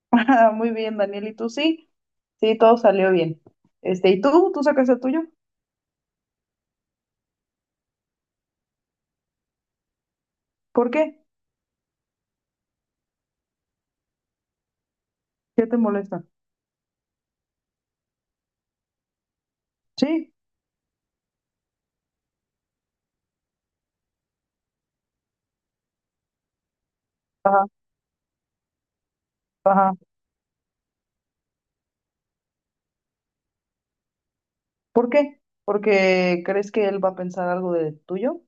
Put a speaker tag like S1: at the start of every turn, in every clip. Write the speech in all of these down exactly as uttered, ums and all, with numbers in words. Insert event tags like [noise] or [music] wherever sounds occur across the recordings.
S1: [laughs] Ah, muy bien, Daniel, ¿y tú sí? Sí, todo salió bien. Este, ¿y tú? ¿Tú sacaste el tuyo? ¿Por qué? ¿Qué te molesta? Sí, ajá, ajá. ¿Por qué? ¿Porque crees que él va a pensar algo de tuyo?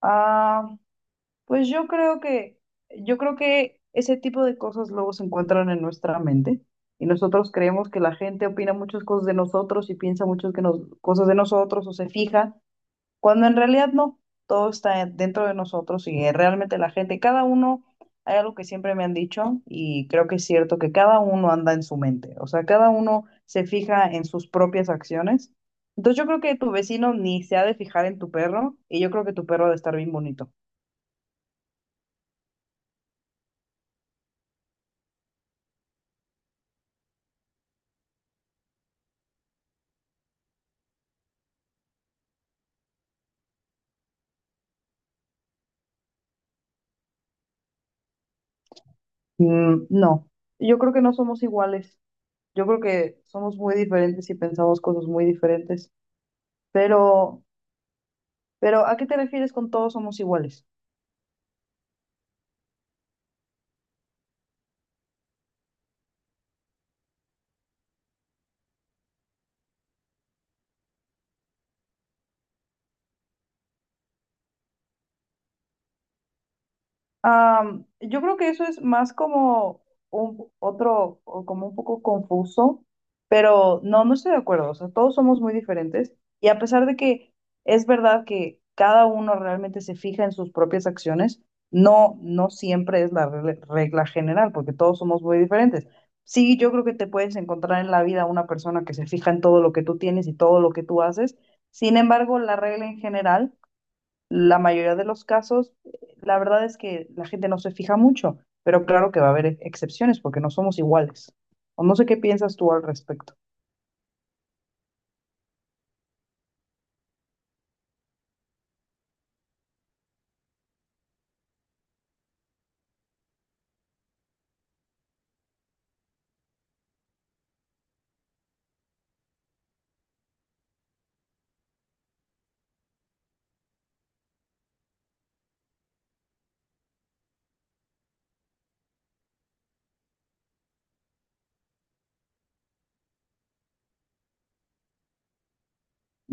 S1: Ah, pues yo creo que, yo creo que ese tipo de cosas luego se encuentran en nuestra mente y nosotros creemos que la gente opina muchas cosas de nosotros y piensa muchas que nos- cosas de nosotros o se fija. Cuando en realidad no, todo está dentro de nosotros y eh, realmente la gente, cada uno, hay algo que siempre me han dicho y creo que es cierto que cada uno anda en su mente, o sea, cada uno se fija en sus propias acciones. Entonces yo creo que tu vecino ni se ha de fijar en tu perro y yo creo que tu perro ha de estar bien bonito. Mm, no, yo creo que no somos iguales, yo creo que somos muy diferentes y pensamos cosas muy diferentes, pero, pero ¿a qué te refieres con todos somos iguales? Am, yo creo que eso es más como un otro, o como un poco confuso, pero no, no estoy de acuerdo. O sea, todos somos muy diferentes y a pesar de que es verdad que cada uno realmente se fija en sus propias acciones, no, no siempre es la rele- regla general, porque todos somos muy diferentes. Sí, yo creo que te puedes encontrar en la vida una persona que se fija en todo lo que tú tienes y todo lo que tú haces. Sin embargo, la regla en general, la mayoría de los casos, la verdad es que la gente no se fija mucho, pero claro que va a haber ex- excepciones porque no somos iguales. O no sé qué piensas tú al respecto.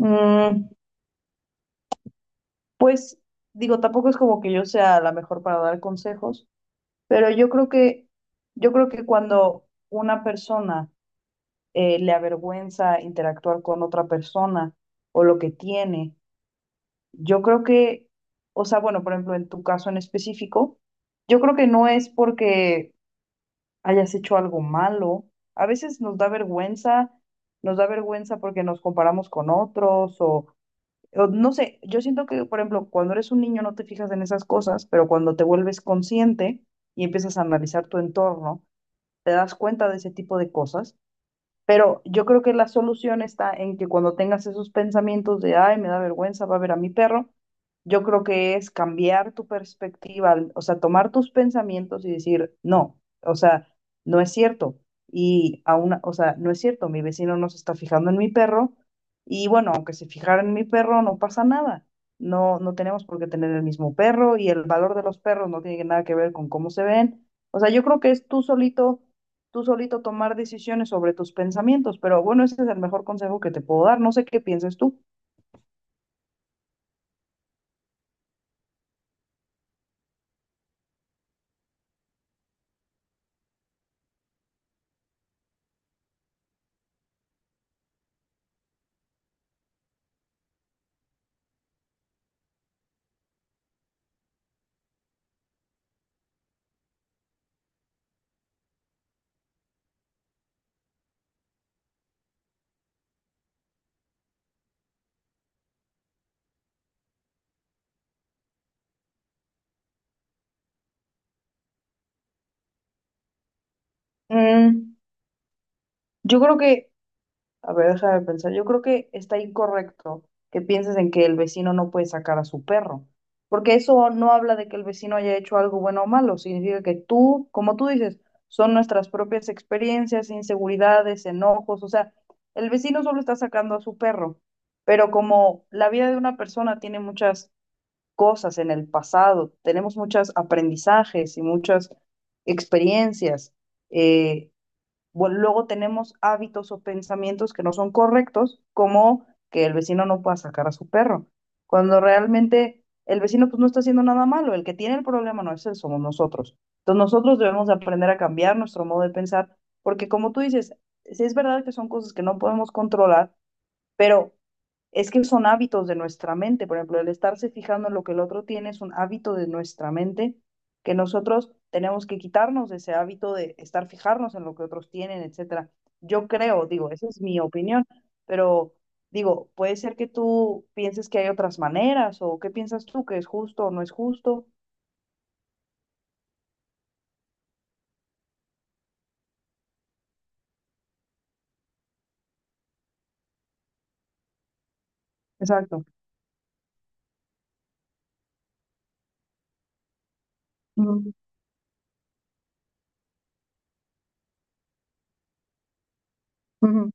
S1: Mm, pues digo, tampoco es como que yo sea la mejor para dar consejos, pero yo creo que yo creo que cuando una persona eh, le avergüenza interactuar con otra persona o lo que tiene, yo creo que, o sea, bueno, por ejemplo, en tu caso en específico, yo creo que no es porque hayas hecho algo malo. A veces nos da vergüenza, nos da vergüenza porque nos comparamos con otros o, o no sé, yo siento que, por ejemplo, cuando eres un niño no te fijas en esas cosas, pero cuando te vuelves consciente y empiezas a analizar tu entorno, te das cuenta de ese tipo de cosas. Pero yo creo que la solución está en que cuando tengas esos pensamientos de, ay, me da vergüenza, va a ver a mi perro, yo creo que es cambiar tu perspectiva, al- o sea, tomar tus pensamientos y decir, no, o sea, no es cierto. Y aún, o sea, no es cierto, mi vecino no se está fijando en mi perro y bueno, aunque se fijara en mi perro, no pasa nada. No, no tenemos por qué tener el mismo perro y el valor de los perros no tiene nada que ver con cómo se ven. O sea, yo creo que es tú solito tú solito tomar decisiones sobre tus pensamientos, pero bueno, ese es el mejor consejo que te puedo dar. No sé qué piensas tú. Mm, yo creo que, a ver, déjame pensar, yo creo que está incorrecto que pienses en que el vecino no puede sacar a su perro, porque eso no habla de que el vecino haya hecho algo bueno o malo, significa que tú, como tú dices, son nuestras propias experiencias, inseguridades, enojos, o sea, el vecino solo está sacando a su perro, pero como la vida de una persona tiene muchas cosas en el pasado, tenemos muchos aprendizajes y muchas experiencias. Eh, bueno, luego tenemos hábitos o pensamientos que no son correctos, como que el vecino no pueda sacar a su perro, cuando realmente el vecino pues no está haciendo nada malo, el que tiene el problema no es él, somos nosotros. Entonces nosotros debemos de aprender a cambiar nuestro modo de pensar, porque como tú dices, sí es verdad que son cosas que no podemos controlar, pero es que son hábitos de nuestra mente, por ejemplo, el estarse fijando en lo que el otro tiene es un hábito de nuestra mente que nosotros tenemos que quitarnos de ese hábito de estar fijarnos en lo que otros tienen, etcétera. Yo creo, digo, esa es mi opinión, pero digo, puede ser que tú pienses que hay otras maneras o qué piensas tú que es justo o no es justo. Exacto. Ujú, ujú.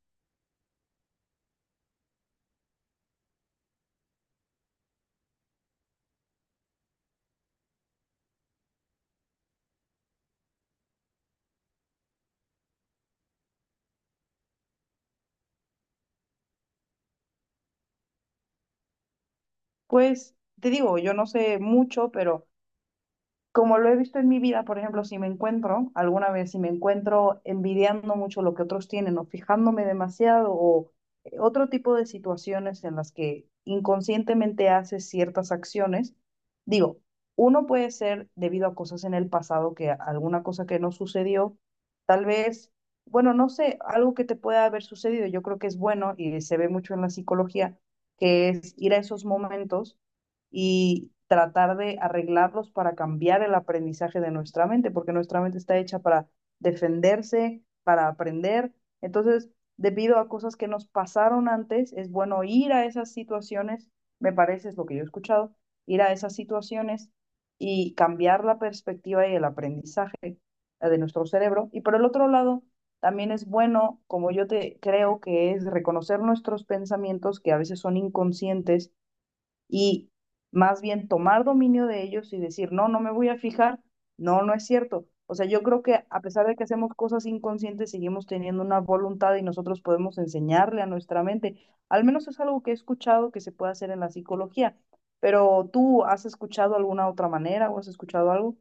S1: Pues te digo, yo no sé mucho, pero como lo he visto en mi vida, por ejemplo, si me encuentro, alguna vez, si me encuentro envidiando mucho lo que otros tienen o fijándome demasiado o eh, otro tipo de situaciones en las que inconscientemente haces ciertas acciones, digo, uno puede ser debido a cosas en el pasado, que a- alguna cosa que no sucedió, tal vez, bueno, no sé, algo que te pueda haber sucedido, yo creo que es bueno y se ve mucho en la psicología, que es ir a esos momentos y tratar de arreglarlos para cambiar el aprendizaje de nuestra mente, porque nuestra mente está hecha para defenderse, para aprender. Entonces, debido a cosas que nos pasaron antes, es bueno ir a esas situaciones, me parece, es lo que yo he escuchado, ir a esas situaciones y cambiar la perspectiva y el aprendizaje eh, de nuestro cerebro. Y por el otro lado, también es bueno, como yo te creo que es reconocer nuestros pensamientos que a veces son inconscientes y más bien tomar dominio de ellos y decir, no, no me voy a fijar, no, no es cierto. O sea, yo creo que a pesar de que hacemos cosas inconscientes, seguimos teniendo una voluntad y nosotros podemos enseñarle a nuestra mente. Al menos es algo que he escuchado que se puede hacer en la psicología, pero ¿tú has escuchado alguna otra manera o has escuchado algo?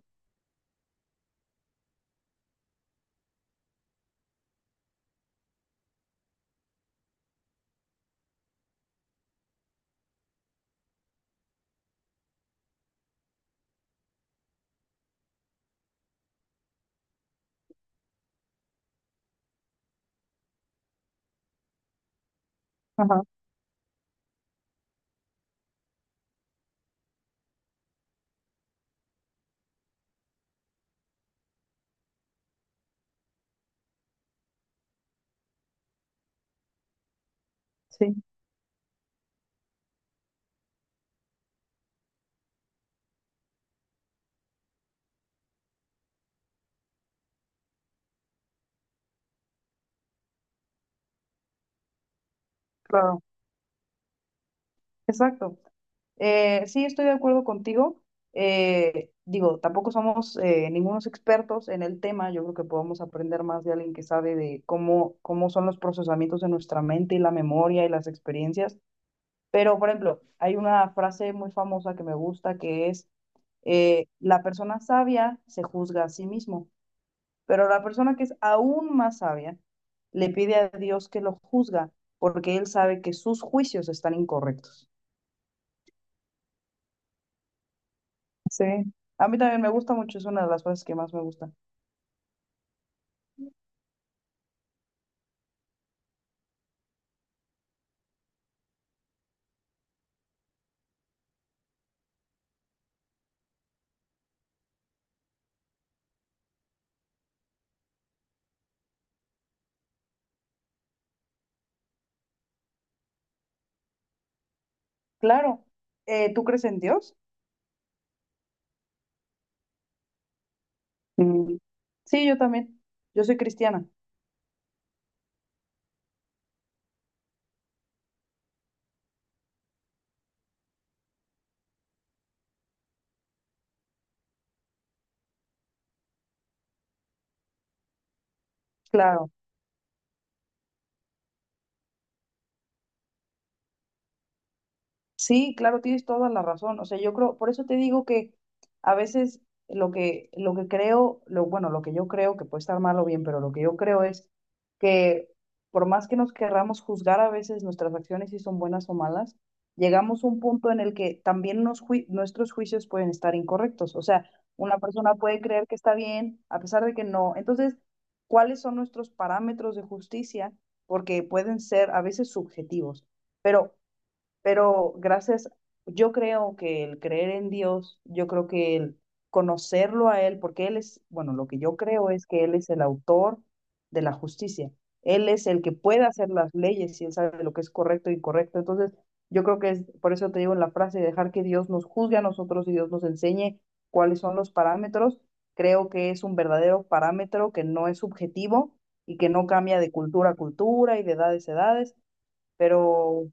S1: Ajá, sí, claro. Exacto. Eh, sí, estoy de acuerdo contigo. Eh, digo, tampoco somos eh, ningunos expertos en el tema. Yo creo que podemos aprender más de alguien que sabe de cómo, cómo son los procesamientos de nuestra mente y la memoria y las experiencias. Pero, por ejemplo, hay una frase muy famosa que me gusta que es, eh, la persona sabia se juzga a sí mismo, pero la persona que es aún más sabia le pide a Dios que lo juzga porque él sabe que sus juicios están incorrectos. Sí, a mí también me gusta mucho, es una de las cosas que más me gusta. Claro, eh, ¿tú crees en Dios? Mm, sí, yo también. Yo soy cristiana, claro. Sí, claro, tienes toda la razón. O sea, yo creo, por eso te digo que a veces lo que, lo que creo, lo, bueno, lo que yo creo, que puede estar mal o bien, pero lo que yo creo es que por más que nos querramos juzgar a veces nuestras acciones si son buenas o malas, llegamos a un punto en el que también nos jui- nuestros juicios pueden estar incorrectos. O sea, una persona puede creer que está bien a pesar de que no. Entonces, ¿cuáles son nuestros parámetros de justicia? Porque pueden ser a veces subjetivos. Pero pero gracias, yo creo que el creer en Dios, yo creo que el conocerlo a Él, porque Él es, bueno, lo que yo creo es que Él es el autor de la justicia. Él es el que puede hacer las leyes y Él sabe lo que es correcto e incorrecto. Entonces, yo creo que es, por eso te digo en la frase, dejar que Dios nos juzgue a nosotros y Dios nos enseñe cuáles son los parámetros. Creo que es un verdadero parámetro que no es subjetivo y que no cambia de cultura a cultura y de edades a edades pero.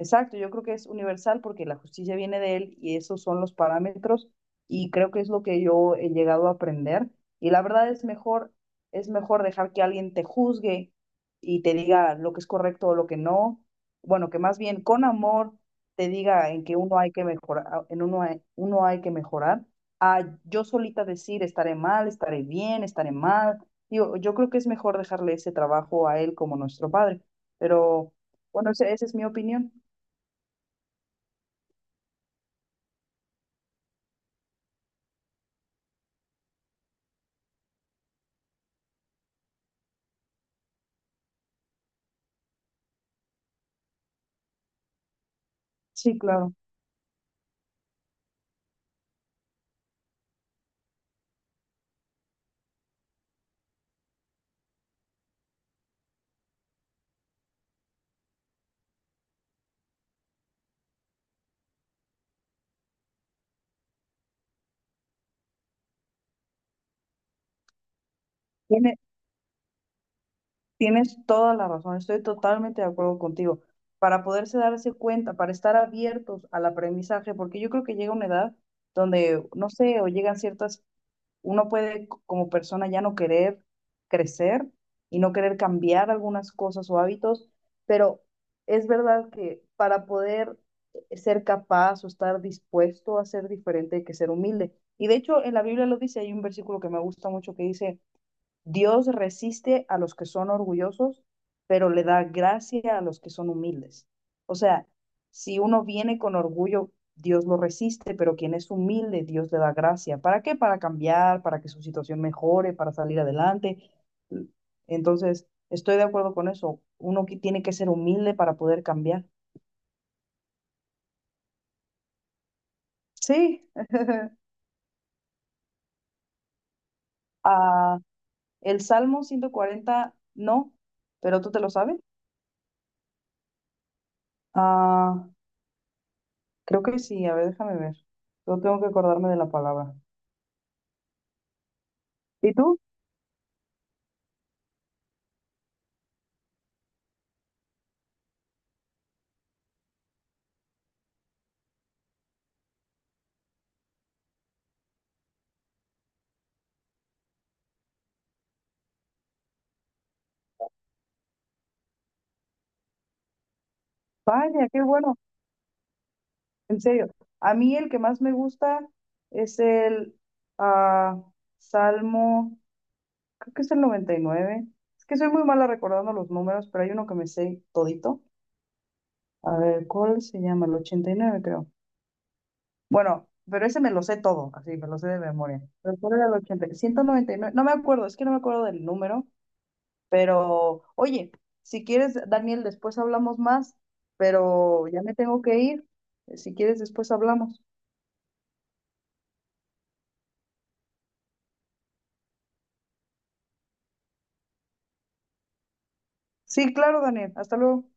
S1: Exacto, yo creo que es universal porque la justicia viene de él y esos son los parámetros y creo que es lo que yo he llegado a aprender y la verdad es mejor, es mejor dejar que alguien te juzgue y te diga lo que es correcto o lo que no, bueno, que más bien con amor te diga en que uno hay que mejorar, en uno hay, uno hay que mejorar, a yo solita decir estaré mal, estaré bien, estaré mal. Digo, yo creo que es mejor dejarle ese trabajo a él como nuestro padre, pero bueno, ese- esa es mi opinión. Sí, claro. Tiene- tienes toda la razón. Estoy totalmente de acuerdo contigo. Para poderse darse cuenta, para estar abiertos al aprendizaje, porque yo creo que llega una edad donde, no sé, o llegan ciertas, uno puede c- como persona ya no querer crecer y no querer cambiar algunas cosas o hábitos, pero es verdad que para poder ser capaz o estar dispuesto a ser diferente hay que ser humilde. Y de hecho, en la Biblia lo dice, hay un versículo que me gusta mucho que dice: Dios resiste a los que son orgullosos, pero le da gracia a los que son humildes. O sea, si uno viene con orgullo, Dios lo resiste, pero quien es humilde, Dios le da gracia. ¿Para qué? Para cambiar, para que su situación mejore, para salir adelante. Entonces, estoy de acuerdo con eso. Uno que tiene que ser humilde para poder cambiar. Sí. [laughs] Ah, el Salmo ciento cuarenta, no, pero tú te lo sabes. Ah, creo que sí, a ver, déjame ver. Yo tengo que acordarme de la palabra. ¿Y tú? Vaya, qué bueno, en serio. A mí el que más me gusta es el ah, Salmo, creo que es el noventa y nueve. Es que soy muy mala recordando los números, pero hay uno que me sé todito. A ver, ¿cuál se llama? El ochenta y nueve creo. Bueno, pero ese me lo sé todo, así, me lo sé de memoria. Pero ¿cuál era? El ochenta, ciento noventa y nueve no me acuerdo, es que no me acuerdo del número. Pero, oye, si quieres, Daniel, después hablamos más, pero ya me tengo que ir. Si quieres, después hablamos. Sí, claro, Daniel. Hasta luego.